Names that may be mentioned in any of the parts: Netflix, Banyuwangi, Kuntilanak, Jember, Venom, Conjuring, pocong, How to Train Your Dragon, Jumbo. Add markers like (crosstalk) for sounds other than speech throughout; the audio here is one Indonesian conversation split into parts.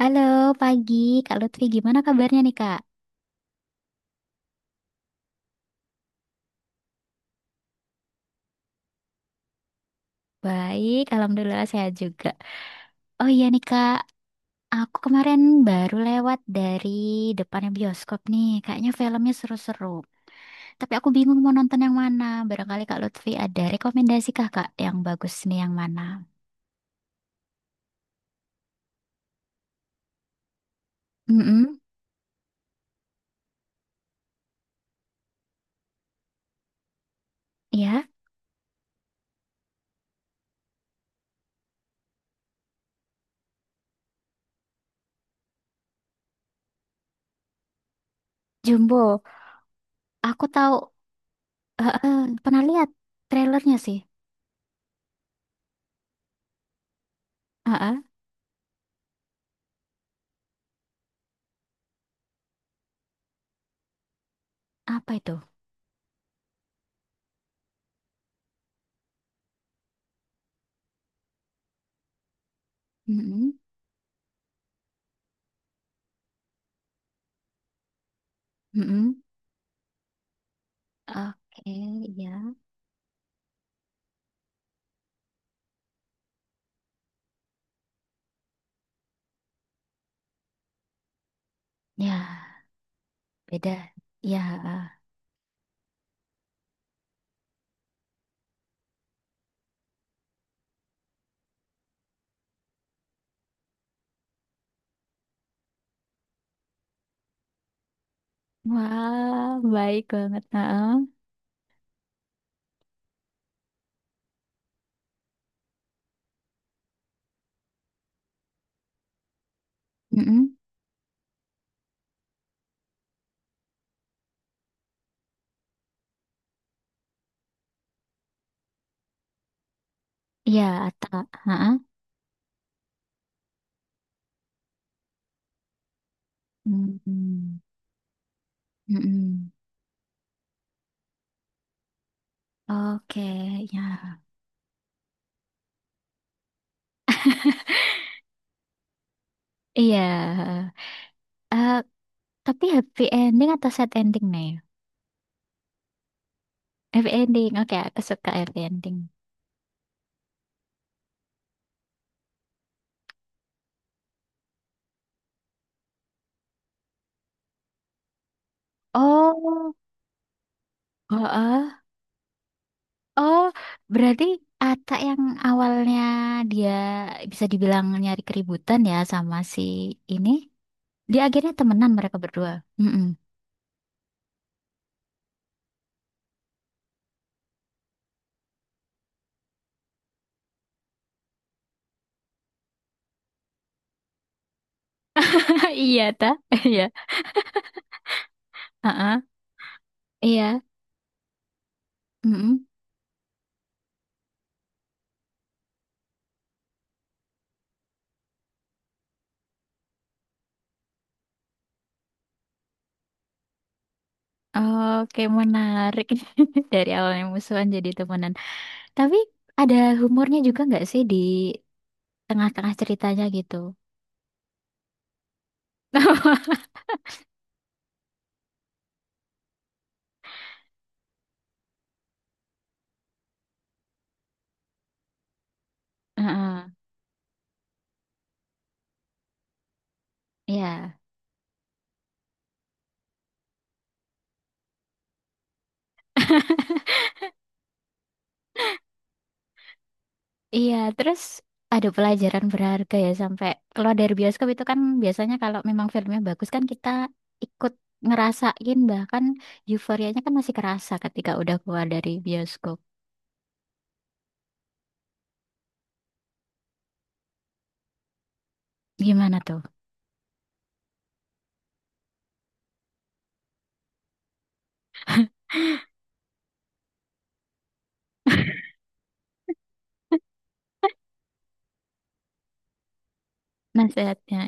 Halo, pagi Kak Lutfi. Gimana kabarnya nih Kak? Baik, Alhamdulillah sehat juga. Oh iya nih Kak, aku kemarin baru lewat dari depannya bioskop nih. Kayaknya filmnya seru-seru. Tapi aku bingung mau nonton yang mana. Barangkali Kak Lutfi ada rekomendasi kah Kak yang bagus nih yang mana? mm ya. Jumbo. Aku tahu, eh, eh, pernah lihat trailernya sih. Eh, eh, Apa itu? Mm-mm. Mm-mm. Oke, ya. Ya. Beda. Ya. Ah. Wah, baik banget. Heeh. Mm-mm. Ya, Ata. Heeh. Mm-mm. Mm-mm. Oke, ya. Iya. Eh, tapi happy ending atau sad ending nih? Happy ending. Oke, aku suka happy ending. Oh, heeh. Oh, berarti Ata yang awalnya dia bisa dibilang nyari keributan ya sama si ini. Dia akhirnya temenan mereka berdua. Mm-mm. (laughs) Iya, ta? (laughs) Iya. Heeh. Iya. Mm-mm. Oke, menarik. (laughs) Dari awalnya musuhan jadi temenan. Tapi ada humornya juga nggak sih di tengah-tengah ceritanya gitu? (laughs) Heeh. Iya. Iya, terus ada pelajaran berharga ya sampai keluar dari bioskop itu kan biasanya kalau memang filmnya bagus kan kita ikut ngerasain bahkan euforianya kan masih kerasa ketika udah keluar dari bioskop. Gimana tuh (laughs) nasihatnya?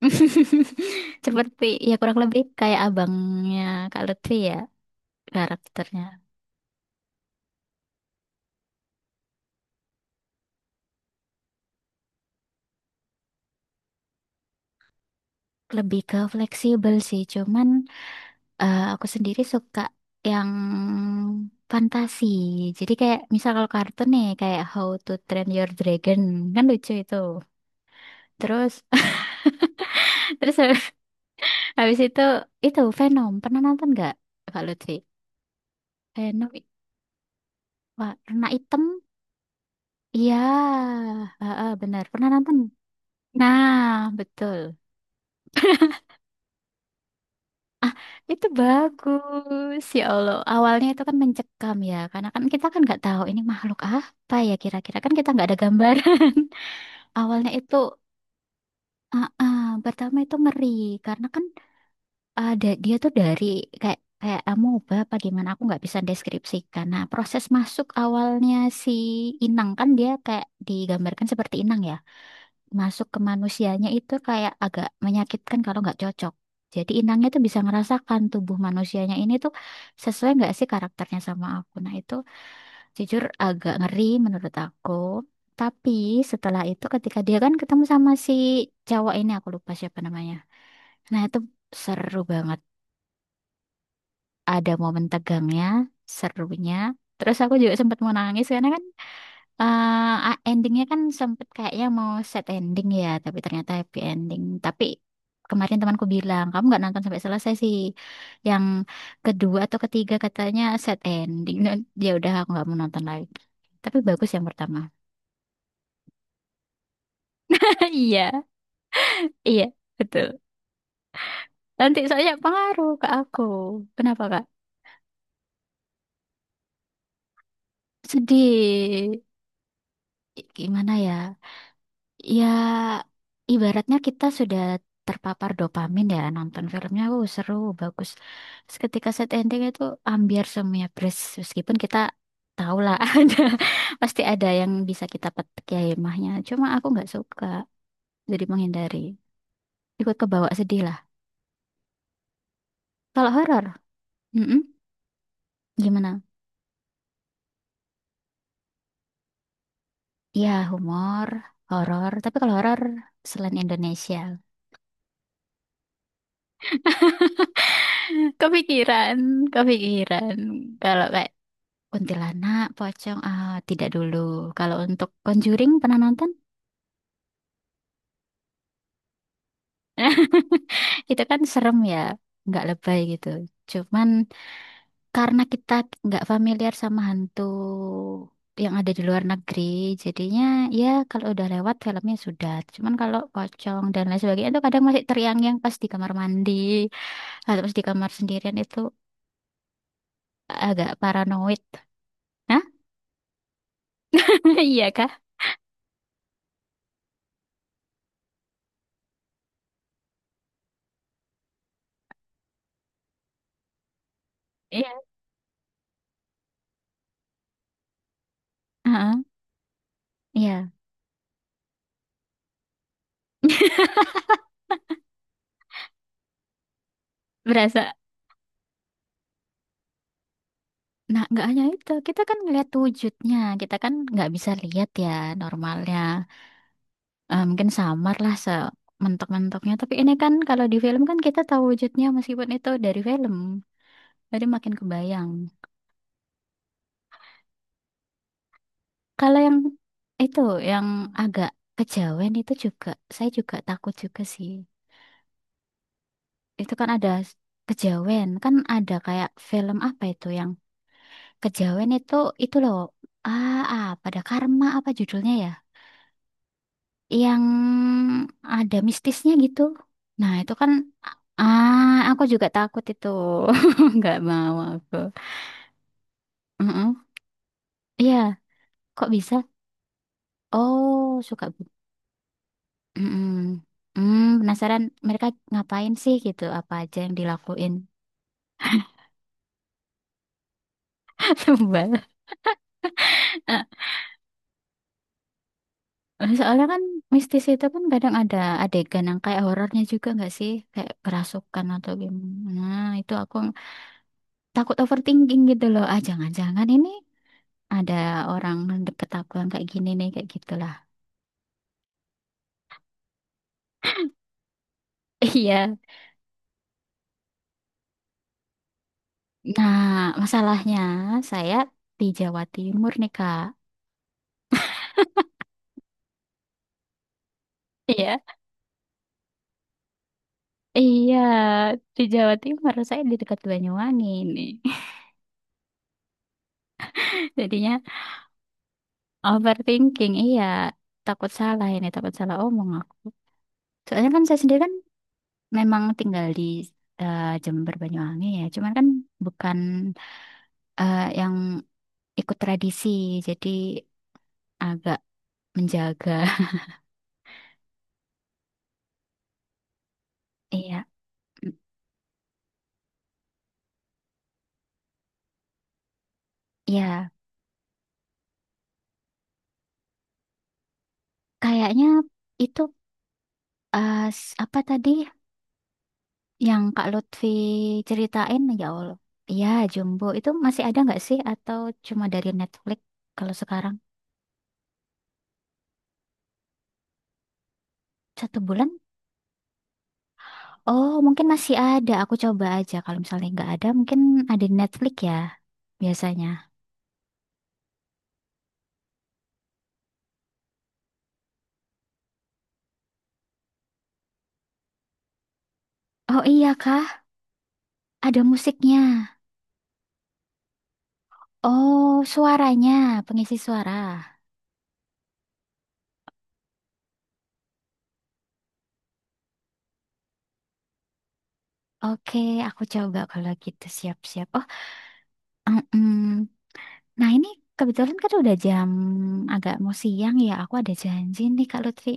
(laughs) Seperti ya kurang lebih kayak abangnya Kak Lutfi ya karakternya. Lebih ke fleksibel sih, cuman aku sendiri suka yang fantasi. Jadi kayak misal kalau kartun nih kayak How to Train Your Dragon kan lucu itu. Terus (laughs) terus habis itu Venom. Pernah nonton nggak Kak Lutfi? Venom i- warna hitam. Iya, heeh, benar. Pernah nonton? Nah, betul. Ah, itu bagus. Ya Allah, awalnya itu kan mencekam ya, karena kan kita kan nggak tahu ini makhluk apa ya kira-kira kan kita nggak ada gambaran. (laughs) Awalnya itu, ah, ah, pertama itu ngeri karena kan ada dia tuh dari kayak kayak amoeba apa gimana aku nggak bisa deskripsikan. Nah, proses masuk awalnya si inang kan dia kayak digambarkan seperti inang ya masuk ke manusianya itu kayak agak menyakitkan kalau nggak cocok. Jadi inangnya tuh bisa ngerasakan tubuh manusianya ini tuh sesuai nggak sih karakternya sama aku. Nah itu jujur agak ngeri menurut aku. Tapi setelah itu ketika dia kan ketemu sama si cowok ini aku lupa siapa namanya. Nah itu seru banget. Ada momen tegangnya, serunya. Terus aku juga sempat mau nangis karena kan Eh, endingnya kan sempet kayaknya mau set ending ya, tapi ternyata happy ending. Tapi kemarin temanku bilang, kamu nggak nonton sampai selesai sih. Yang kedua atau ketiga katanya set ending. Dan ya udah aku nggak mau nonton lagi. Tapi bagus yang pertama. (laughs) Iya, iya, betul. Nanti soalnya pengaruh ke aku. Kenapa, Kak? Sedih. Gimana ya? Ya, ibaratnya kita sudah terpapar dopamin ya nonton filmnya, wow seru, bagus. Terus ketika set ending itu ambiar semuanya beres, meskipun kita tahu lah (laughs) ada pasti ada yang bisa kita petik ya hikmahnya. Cuma aku nggak suka, jadi menghindari. Ikut kebawa sedih lah. Kalau horor, mm-mm, gimana? Ya humor, horor. Tapi kalau horor selain Indonesia, (laughs) kepikiran, kepikiran. Kalau Kuntilanak, pocong, ah, tidak dulu. Kalau untuk Conjuring pernah nonton? (laughs) Itu kan serem ya, nggak lebay gitu. Cuman karena kita nggak familiar sama hantu yang ada di luar negeri, jadinya ya kalau udah lewat filmnya sudah. Cuman kalau pocong dan lain sebagainya itu kadang masih teriang-yang pas di kamar mandi atau pas di kamar sendirian itu agak paranoid. Hah? (laughs) Iya kah? Iya. Heeh, iya. (laughs) Berasa. Nah, nggak hanya itu, kita kan ngelihat wujudnya, kita kan nggak bisa lihat ya normalnya. Eh, mungkin samar lah sementok-mentoknya, tapi ini kan kalau di film kan kita tahu wujudnya meskipun itu dari film, jadi makin kebayang. Kalau yang itu, yang agak kejawen itu juga, saya juga takut juga sih. Itu kan ada kejawen, kan ada kayak film apa itu yang kejawen itu loh, ah, apa ada karma apa judulnya ya? Yang ada mistisnya gitu. Nah, itu kan ah aku juga takut itu. (laughs) Nggak mau aku. Mm-mm. Iya, kok bisa? Oh, suka bu. Mm-mm. Hmm, penasaran mereka ngapain sih gitu? Apa aja yang dilakuin? (laughs) Sebel. Soalnya kan mistis itu kan kadang ada adegan yang kayak horornya juga nggak sih? Kayak kerasukan atau gimana. Nah, itu aku takut overthinking gitu loh. Ah, jangan-jangan ini ada orang deket aku yang kayak gini nih kayak gitulah (laughs) iya nah masalahnya saya di Jawa Timur nih kak iya iya di Jawa Timur saya di dekat Banyuwangi nih (laughs) jadinya overthinking iya takut salah ini takut salah omong aku soalnya kan saya sendiri kan memang tinggal di Jember Banyuwangi ya cuman kan bukan yang ikut tradisi jadi agak menjaga (laughs) iya mm, iya. Kayaknya itu apa tadi yang Kak Lutfi ceritain ya Allah. Iya, Jumbo itu masih ada nggak sih atau cuma dari Netflix kalau sekarang? Satu bulan? Oh, mungkin masih ada. Aku coba aja. Kalau misalnya nggak ada, mungkin ada di Netflix ya biasanya. Oh iya kah? Ada musiknya. Oh, suaranya, pengisi suara. Oke, aku coba kalau gitu siap-siap. Oh, mm-mm. Nah, ini kebetulan kan udah jam agak mau siang ya. Aku ada janji nih Kak Lutfi.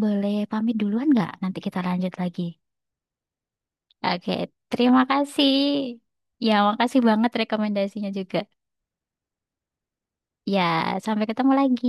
Boleh pamit duluan nggak? Nanti kita lanjut lagi. Oke, terima kasih. Ya, makasih banget rekomendasinya juga. Ya, sampai ketemu lagi.